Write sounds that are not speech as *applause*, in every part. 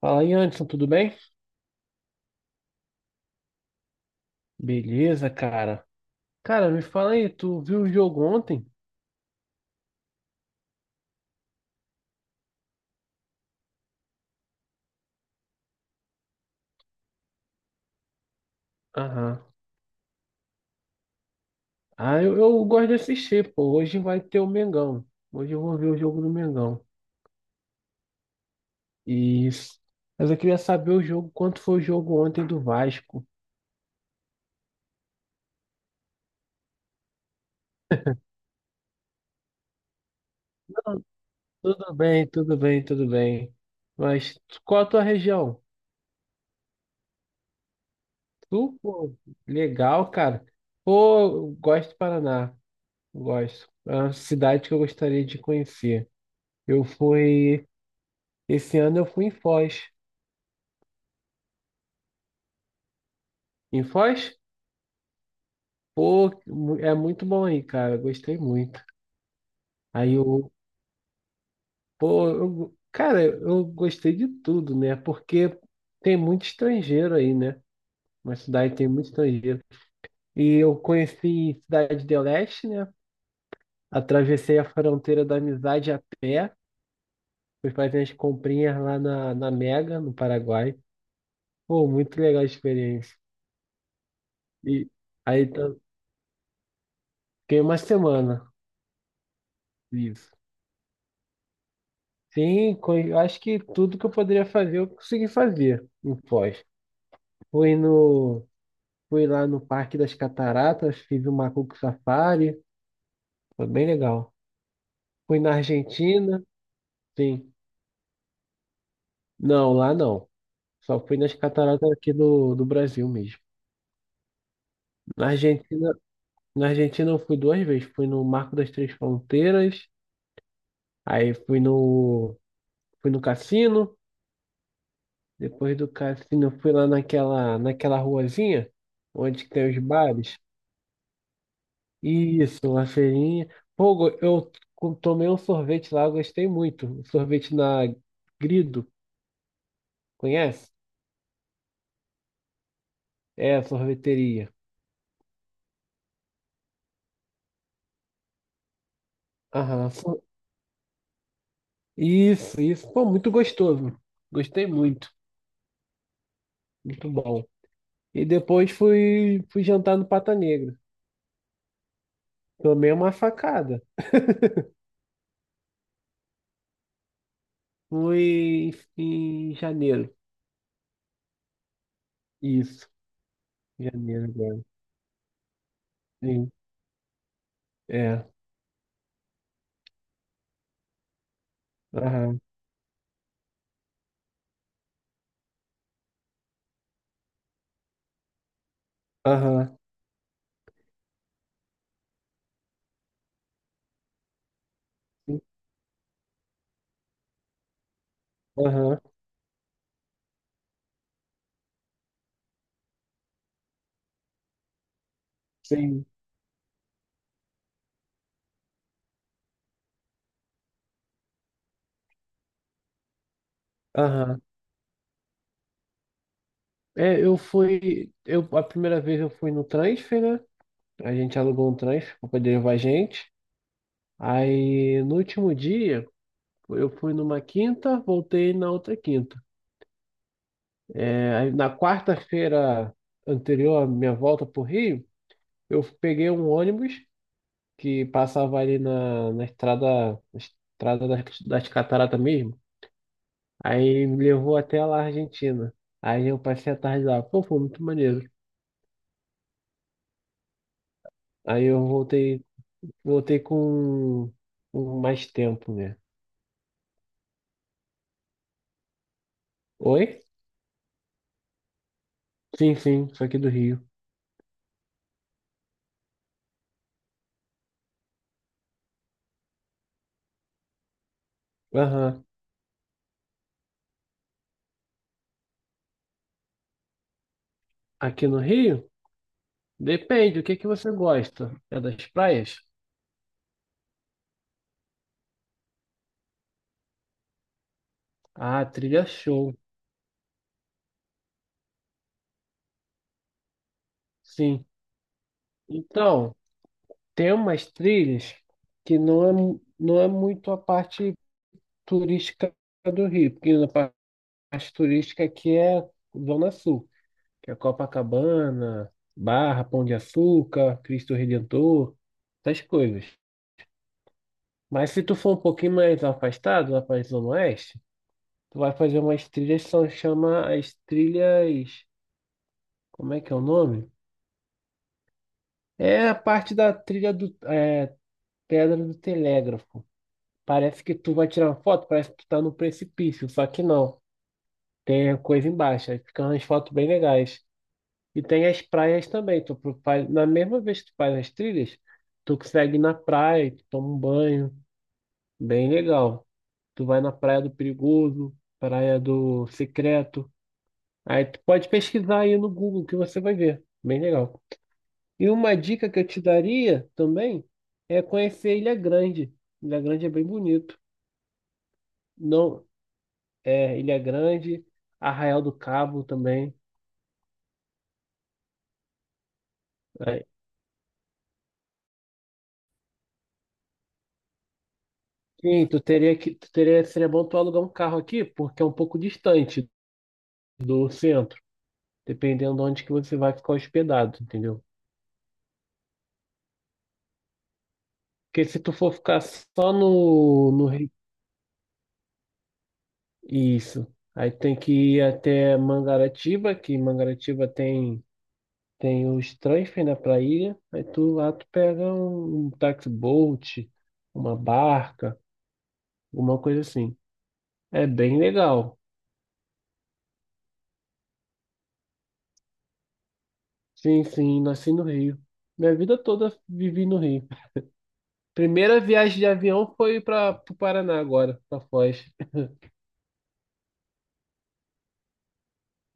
Fala aí, Anderson, tudo bem? Beleza, cara. Cara, me fala aí, tu viu o jogo ontem? Aham. Ah, eu gosto de assistir, pô. Hoje vai ter o Mengão. Hoje eu vou ver o jogo do Mengão. Isso. Mas eu queria saber o jogo, quanto foi o jogo ontem do Vasco? Não, tudo bem, tudo bem, tudo bem. Mas qual a tua região? Tu, pô, legal, cara. Pô, eu gosto do Paraná. Gosto. É uma cidade que eu gostaria de conhecer. Eu fui Esse ano eu fui em Foz. Em Foz? Pô, é muito bom aí, cara. Gostei muito. Aí eu, pô, cara, eu gostei de tudo, né? Porque tem muito estrangeiro aí, né? Uma cidade tem muito estrangeiro. E eu conheci Cidade do Leste, né? Atravessei a fronteira da amizade a pé. Fui fazer as comprinhas lá na Mega, no Paraguai. Pô, muito legal a experiência. E aí tá- Fiquei uma semana. Isso. Sim, eu acho que tudo que eu poderia fazer, eu consegui fazer em Foz. Fui no, fui lá no Parque das Cataratas, fiz o Macuco Safari, foi bem legal. Fui na Argentina, sim. Não, lá não. Só fui nas cataratas aqui do Brasil mesmo. Na Argentina, na Argentina eu fui duas vezes. Fui no Marco das Três Fronteiras, aí fui no cassino. Depois do cassino, eu fui lá naquela ruazinha onde que tem os bares. Isso, uma feirinha. Pô, tomei um sorvete lá, eu gostei muito. Um sorvete na Grido, conhece? É, sorveteria. Aham. Isso, isso. Pô, muito gostoso. Gostei muito. Muito bom. E fui jantar no Pata Negra. Tomei uma facada. Fui em janeiro. Isso, janeiro agora. Sim, é. Aham, aham, sim, aham, sim, aham. É, eu fui. Eu, a primeira vez eu fui no transfer, né? A gente alugou um transfer para poder levar a gente. Aí no último dia, eu fui numa quinta, voltei na outra quinta. É, aí, na quarta-feira anterior à minha volta para o Rio, eu peguei um ônibus que passava ali na estrada, na estrada das cataratas mesmo. Aí me levou até lá, Argentina. Aí eu passei a tarde lá. Pô, foi muito maneiro. Aí eu voltei Voltei com mais tempo, né? Oi? Sim, sim, sou aqui do Rio. Aham. Aqui no Rio? Depende, o que que você gosta? É das praias? Ah, trilha show. Sim. Então, tem umas trilhas que não é, não é muito a parte turística do Rio, porque a parte turística aqui é Zona Sul, que é Copacabana, Barra, Pão de Açúcar, Cristo Redentor, essas coisas. Mas se tu for um pouquinho mais afastado, lá para a Zona Oeste, tu vai fazer umas trilhas que são chama as trilhas. Como é que é o nome? É a parte da trilha do é, Pedra do Telégrafo. Parece que tu vai tirar uma foto, parece que tu tá no precipício, só que não. Tem a coisa embaixo, aí ficam umas fotos bem legais. E tem as praias também. Faz, na mesma vez que tu faz as trilhas, tu consegue ir na praia, tu toma um banho, bem legal. Tu vai na Praia do Perigoso, Praia do Secreto. Aí tu pode pesquisar aí no Google que você vai ver. Bem legal. E uma dica que eu te daria também é conhecer Ilha Grande. Ilha Grande é bem bonito. Não, é Ilha Grande, Arraial do Cabo também. É, sim, tu teria, seria bom tu alugar um carro aqui, porque é um pouco distante do centro, dependendo de onde que você vai ficar hospedado, entendeu? Porque se tu for ficar só no isso. Aí tem que ir até Mangaratiba, que Mangaratiba tem tem os transfer, né, pra ilha. Aí tu lá tu pega um, um táxi boat, uma barca, alguma coisa assim. É bem legal. Sim, sim, nasci no Rio. Minha vida toda vivi no Rio. Primeira viagem de avião foi para o Paraná agora, para Foz.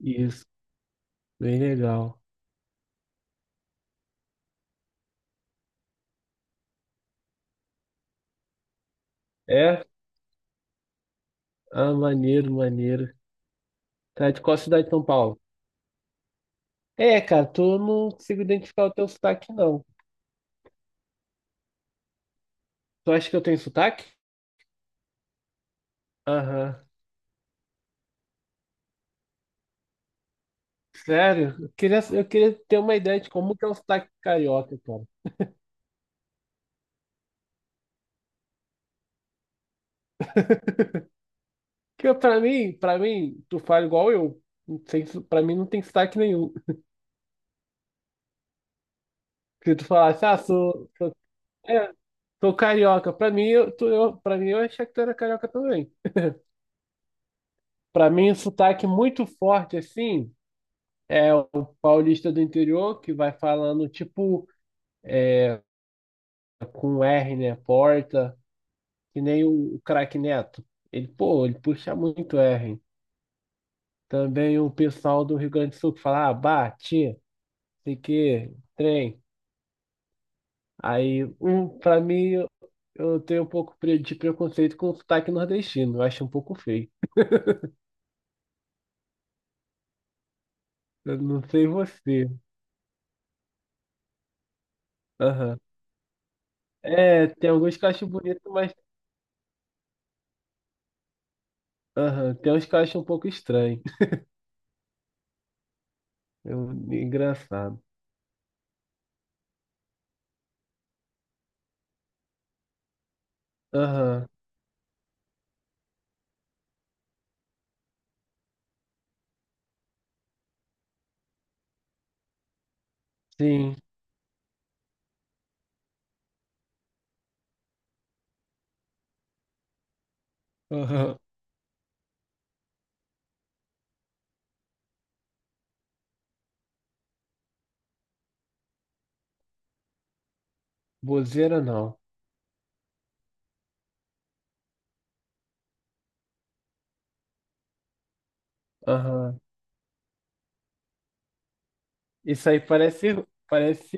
Isso, bem legal. É? Ah, maneiro, maneiro. Tá de qual cidade de São Paulo? É, cara, tu não consigo identificar o teu sotaque, não. Tu acha que eu tenho sotaque? Aham. Sério? Eu queria ter uma ideia de como que é o sotaque carioca, cara. Pra mim, tu fala igual eu. Não tem, pra mim não tem sotaque nenhum. Se tu falasse, ah, sou, sou, é, sou carioca, pra mim eu achei que tu era carioca também. Pra mim, o sotaque muito forte, assim, é o paulista do interior que vai falando, tipo, com R, né? Porta. Que nem o craque Neto. Ele, pô, ele puxa muito R. Também o pessoal do Rio Grande do Sul que fala, ah, bate, sei que, trem. Aí, um, pra mim, eu tenho um pouco de preconceito com o sotaque nordestino. Eu acho um pouco feio. Eu não sei você. Aham. É, tem alguns que eu acho bonito, mas aham, tem uns que eu acho um pouco estranho. *laughs* Engraçado. Aham, sim. Aham. Bozeira não. Aham. Isso aí parece, parece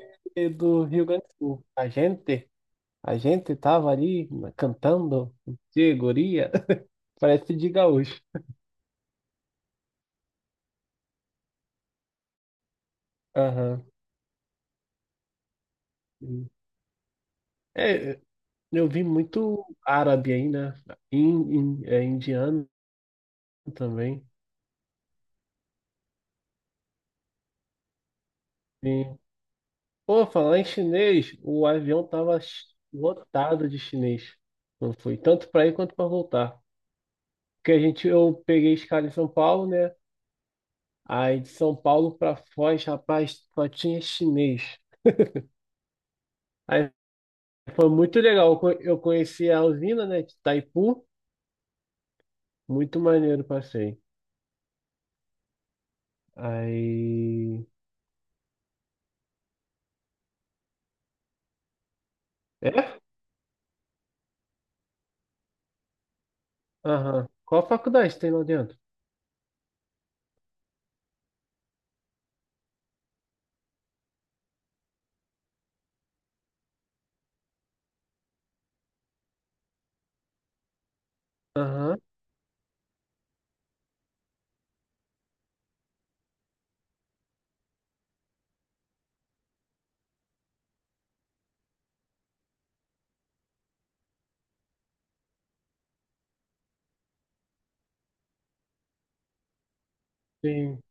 do Rio Grande do Sul. A gente tava ali cantando de guria. *laughs* Parece de gaúcho. Aham. É, eu vi muito árabe aí, né? É, indiano também. Sim. Pô, falar em chinês, o avião tava lotado de chinês. Não foi tanto para ir quanto para voltar. Porque a gente, eu peguei escala em São Paulo, né? Aí de São Paulo para Foz, rapaz, só tinha chinês. Aí foi muito legal. Eu conheci a usina, né, de Itaipu. Muito maneiro, passei. Aí. É? Aham. Qual faculdade tem lá dentro? Aham, sim.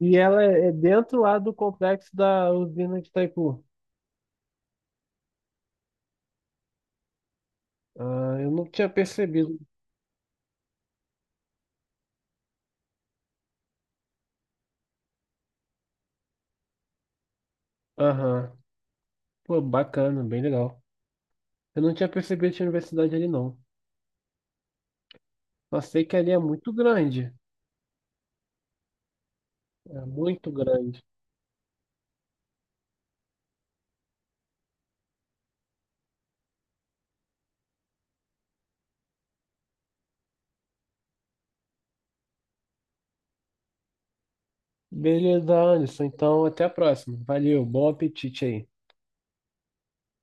E ela é é dentro lá do complexo da usina de Itaipu. Ah, eu não tinha percebido. Aham. Pô, bacana, bem legal. Eu não tinha percebido que tinha universidade ali, não. Só sei que ali é muito grande. É muito grande. Beleza, Alisson. Então, até a próxima. Valeu, bom apetite aí.